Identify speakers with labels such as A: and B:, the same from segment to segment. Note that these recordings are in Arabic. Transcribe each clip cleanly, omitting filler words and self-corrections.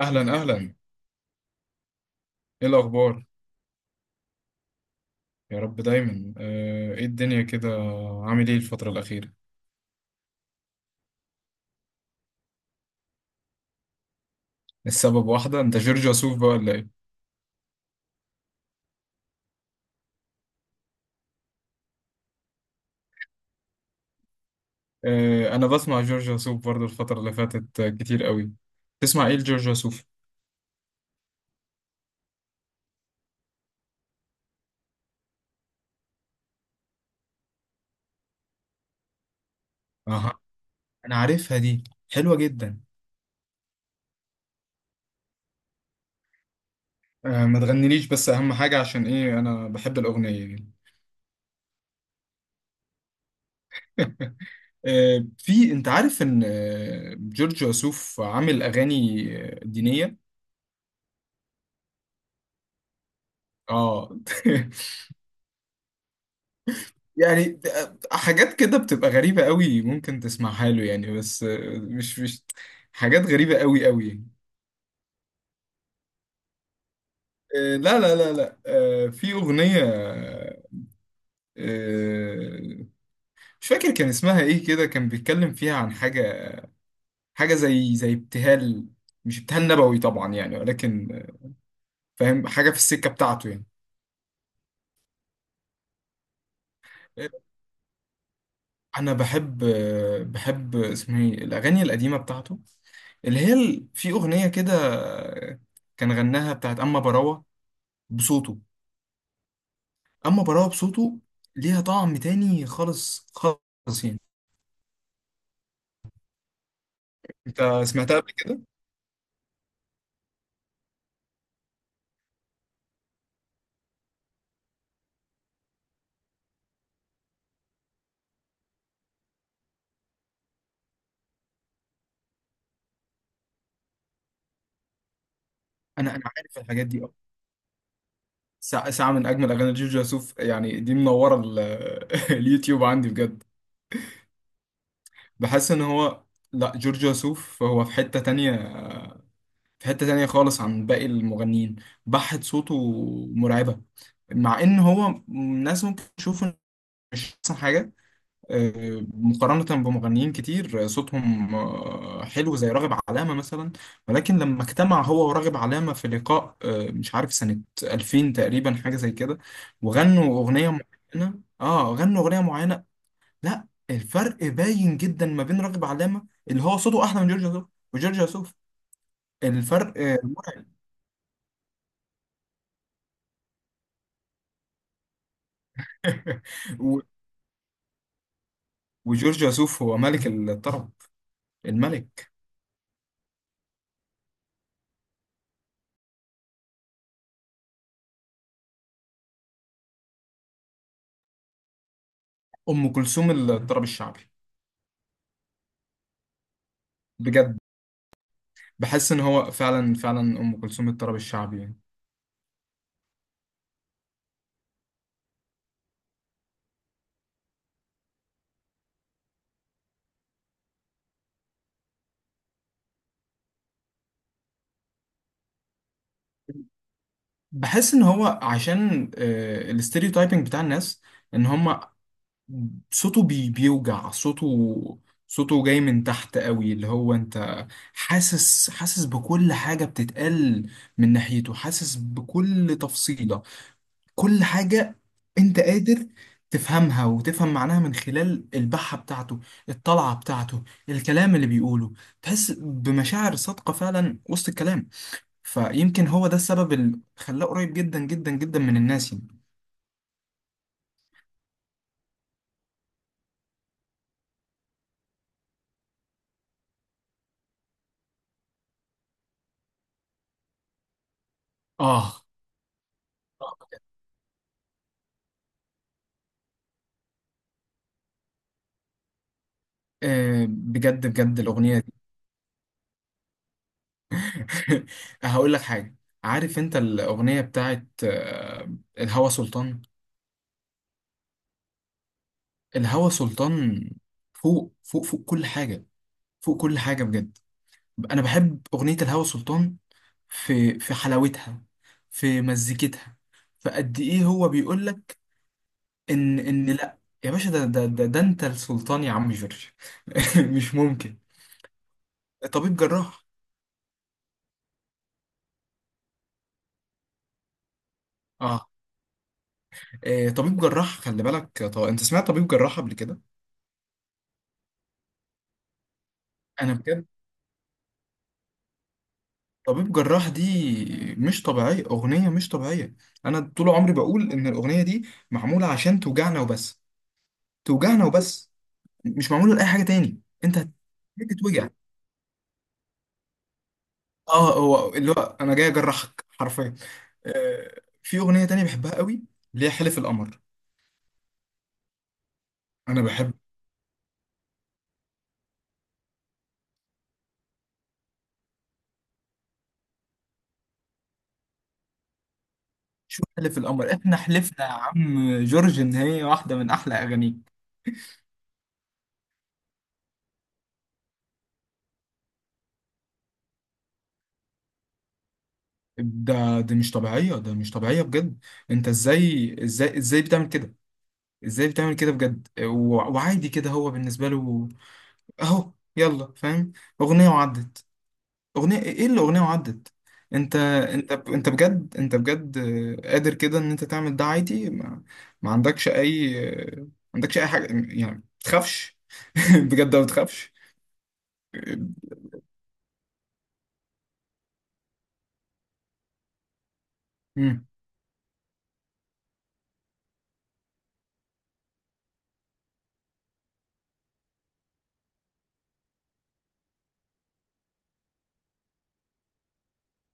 A: اهلا اهلا. ايه الاخبار؟ يا رب دايما. ايه الدنيا كده. عامل ايه الفتره الاخيره؟ السبب واحده انت جورج وسوف بقى ولا ايه؟ انا بسمع جورج وسوف برضو الفتره اللي فاتت كتير قوي. تسمع ايه لجورج وسوف؟ اها. انا عارفها دي. حلوه جدا. ما تغنيليش بس اهم حاجه عشان ايه انا بحب الاغنيه يعني. في انت عارف ان جورج وسوف عامل اغاني دينيه. اه. يعني حاجات كده بتبقى غريبة قوي ممكن تسمعها له يعني. بس مش حاجات غريبة قوي قوي. لا لا لا لا. في أغنية. آه، مش فاكر كان اسمها ايه كده كان بيتكلم فيها عن حاجة. حاجة زي ابتهال. مش ابتهال نبوي طبعا يعني ولكن فاهم حاجة في السكة بتاعته يعني. آه، انا بحب اسمه ايه الاغاني القديمه بتاعته. اللي هي في اغنيه كده كان غناها بتاعت اما براوه بصوته. اما براوة بصوته. ليها طعم تاني خالص خالص يعني. انت سمعتها قبل كده؟ انا عارف الحاجات دي. اه. ساعة ساعة من اجمل اغاني جورج وسوف يعني. دي منورة اليوتيوب عندي بجد. بحس ان هو لا جورج وسوف هو في حتة تانية. في حتة تانية خالص عن باقي المغنيين. بحة صوته مرعبة. مع ان هو الناس ممكن تشوفه مش احسن حاجة. مقارنة بمغنيين كتير صوتهم حلو زي راغب علامة مثلا. ولكن لما اجتمع هو وراغب علامة في لقاء مش عارف سنة 2000 تقريبا حاجة زي كده. وغنوا أغنية معينة اه غنوا أغنية معينة. لا الفرق باين جدا ما بين راغب علامة اللي هو صوته أحلى من جورج وسوف. وجورج وسوف الفرق مرعب. و- وجورج وسوف هو ملك الطرب. الملك. أم كلثوم الطرب الشعبي. بجد. بحس ان هو فعلا فعلا ام كلثوم الطرب الشعبي يعني. بحس ان هو عشان الاستيريوتايبنج بتاع الناس ان هم صوته بيوجع صوته. صوته جاي من تحت قوي اللي هو انت حاسس. حاسس بكل حاجة بتتقال من ناحيته. حاسس بكل تفصيلة. كل حاجة. انت قادر تفهمها وتفهم معناها من خلال البحة بتاعته. الطلعة بتاعته. الكلام اللي بيقوله. تحس بمشاعر صادقة فعلا وسط الكلام. فيمكن هو ده السبب اللي خلاه قريب جدا جدا جدا من الناس يعني. اه. بجد بجد الأغنية دي. هقول لك حاجة. عارف انت الأغنية بتاعت الهوى سلطان. الهوى سلطان فوق فوق فوق كل حاجة. فوق كل حاجة بجد. أنا بحب أغنية الهوى سلطان. في حلاوتها. في مزيكتها. فقد إيه هو بيقول لك ان لا يا باشا. ده انت السلطان يا عم جورج. مش ممكن. طبيب جراح. اه. طبيب جراح. خلي بالك طب انت سمعت طبيب جراح قبل كده؟ انا بجد طبيب جراح دي مش طبيعيه. اغنيه مش طبيعيه. انا طول عمري بقول ان الاغنيه دي معموله عشان توجعنا وبس. توجعنا وبس. مش معموله لاي حاجه تاني. انت هتتوجع. اه هو اللي هو انا جاي اجرحك حرفيا. في اغنيه تانية بحبها قوي اللي هي حلف القمر. انا بحب شو حلف القمر؟ احنا حلفنا يا عم جورج ان هي واحدة من احلى اغانيك. ده دي مش طبيعية. ده مش طبيعية بجد. انت ازاي ازاي ازاي بتعمل كده؟ ازاي بتعمل كده بجد وعادي كده هو بالنسبة له. اهو يلا فاهم. اغنية وعدت. اغنية ايه اللي اغنية وعدت. انت انت انت بجد انت بجد قادر كده ان انت تعمل ده عادي. ما عندكش اي. ما عندكش اي حاجة. يعني ما تخافش. بجد ما تخافش.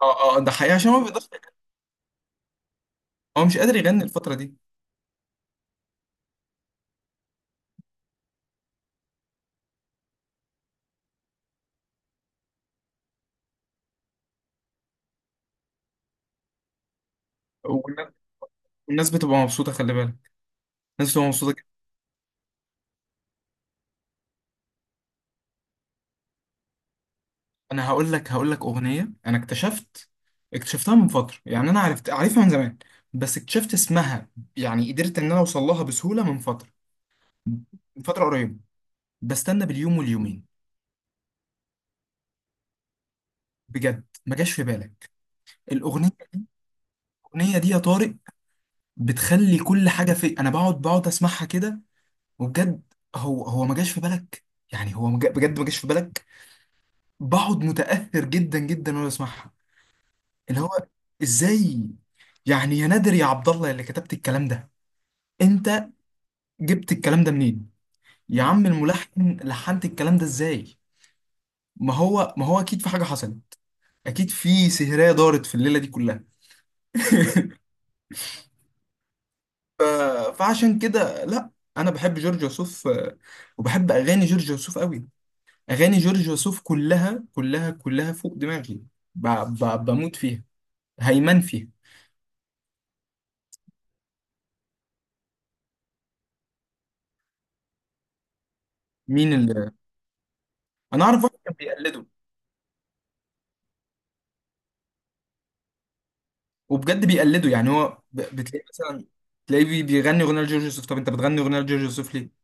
A: اه اه ده حقيقي عشان هو بيضحك. هو مش قادر يغني الفترة دي. والناس. والناس بتبقى مبسوطة خلي بالك. الناس بتبقى مبسوطة جدا. انا هقول لك اغنية انا اكتشفت. اكتشفتها من فترة يعني انا عارفها من زمان. بس اكتشفت اسمها. يعني قدرت ان انا اوصل لها بسهولة من فترة. من فترة قريبة. بستنى باليوم واليومين. بجد ما جاش في بالك. الاغنية الاغنية دي يا طارق بتخلي كل حاجة في. انا بقعد اسمعها كده وبجد. هو ما جاش في بالك. يعني هو بجد ما جاش في بالك. بقعد متأثر جدا جدا وانا بسمعها. اللي هو ازاي يعني يا نادر يا عبد الله اللي كتبت الكلام ده. انت جبت الكلام ده منين؟ يا عم الملحن لحنت الكلام ده ازاي؟ ما هو اكيد في حاجة حصلت. اكيد في سهرية دارت في الليلة دي كلها. ف- فعشان كده لا. انا بحب جورج وسوف. وبحب اغاني جورج وسوف قوي. اغاني جورج وسوف كلها كلها كلها فوق دماغي. ب- بموت فيها. هيمن فيها. مين اللي؟ انا اعرف واحد كان بيقلده. وبجد بيقلده. يعني هو بتلاقي مثلا تلاقيه بيغني اغنيه لجورج يوسف. طب انت بتغني اغنيه لجورج يوسف ليه؟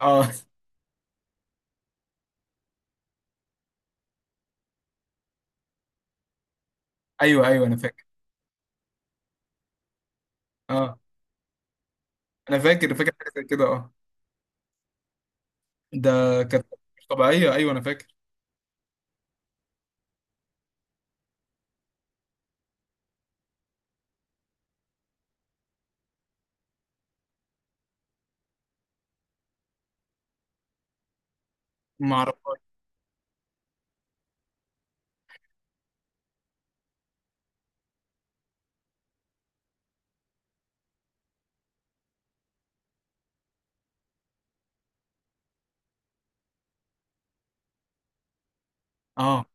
A: اه. ايوه ايوه انا فاكر. اه انا فاكر حاجه زي كده اه. ده كانت مش طبيعيه. ايوه انا فاكر. ما اعرفهاش. اه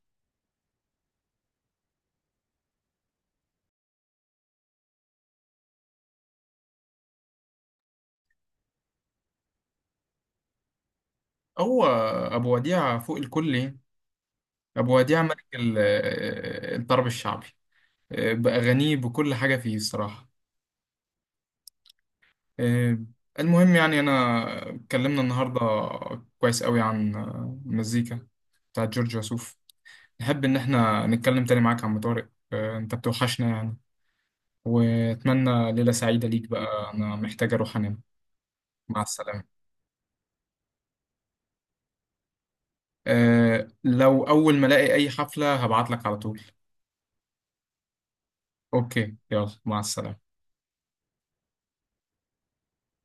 A: هو ابو وديع فوق الكل يعني. ابو وديع ملك الطرب الشعبي. باغانيه بكل حاجه فيه الصراحه. آه، المهم يعني انا اتكلمنا النهارده كويس قوي عن المزيكا بتاعت جورج وسوف. نحب إن إحنا نتكلم تاني معاك يا عم طارق. أنت بتوحشنا يعني. وأتمنى ليلة سعيدة ليك بقى. أنا محتاج أروح أنام. مع السلامة. أه لو أول ما ألاقي أي حفلة هبعت لك على طول. أوكي يلا مع السلامة.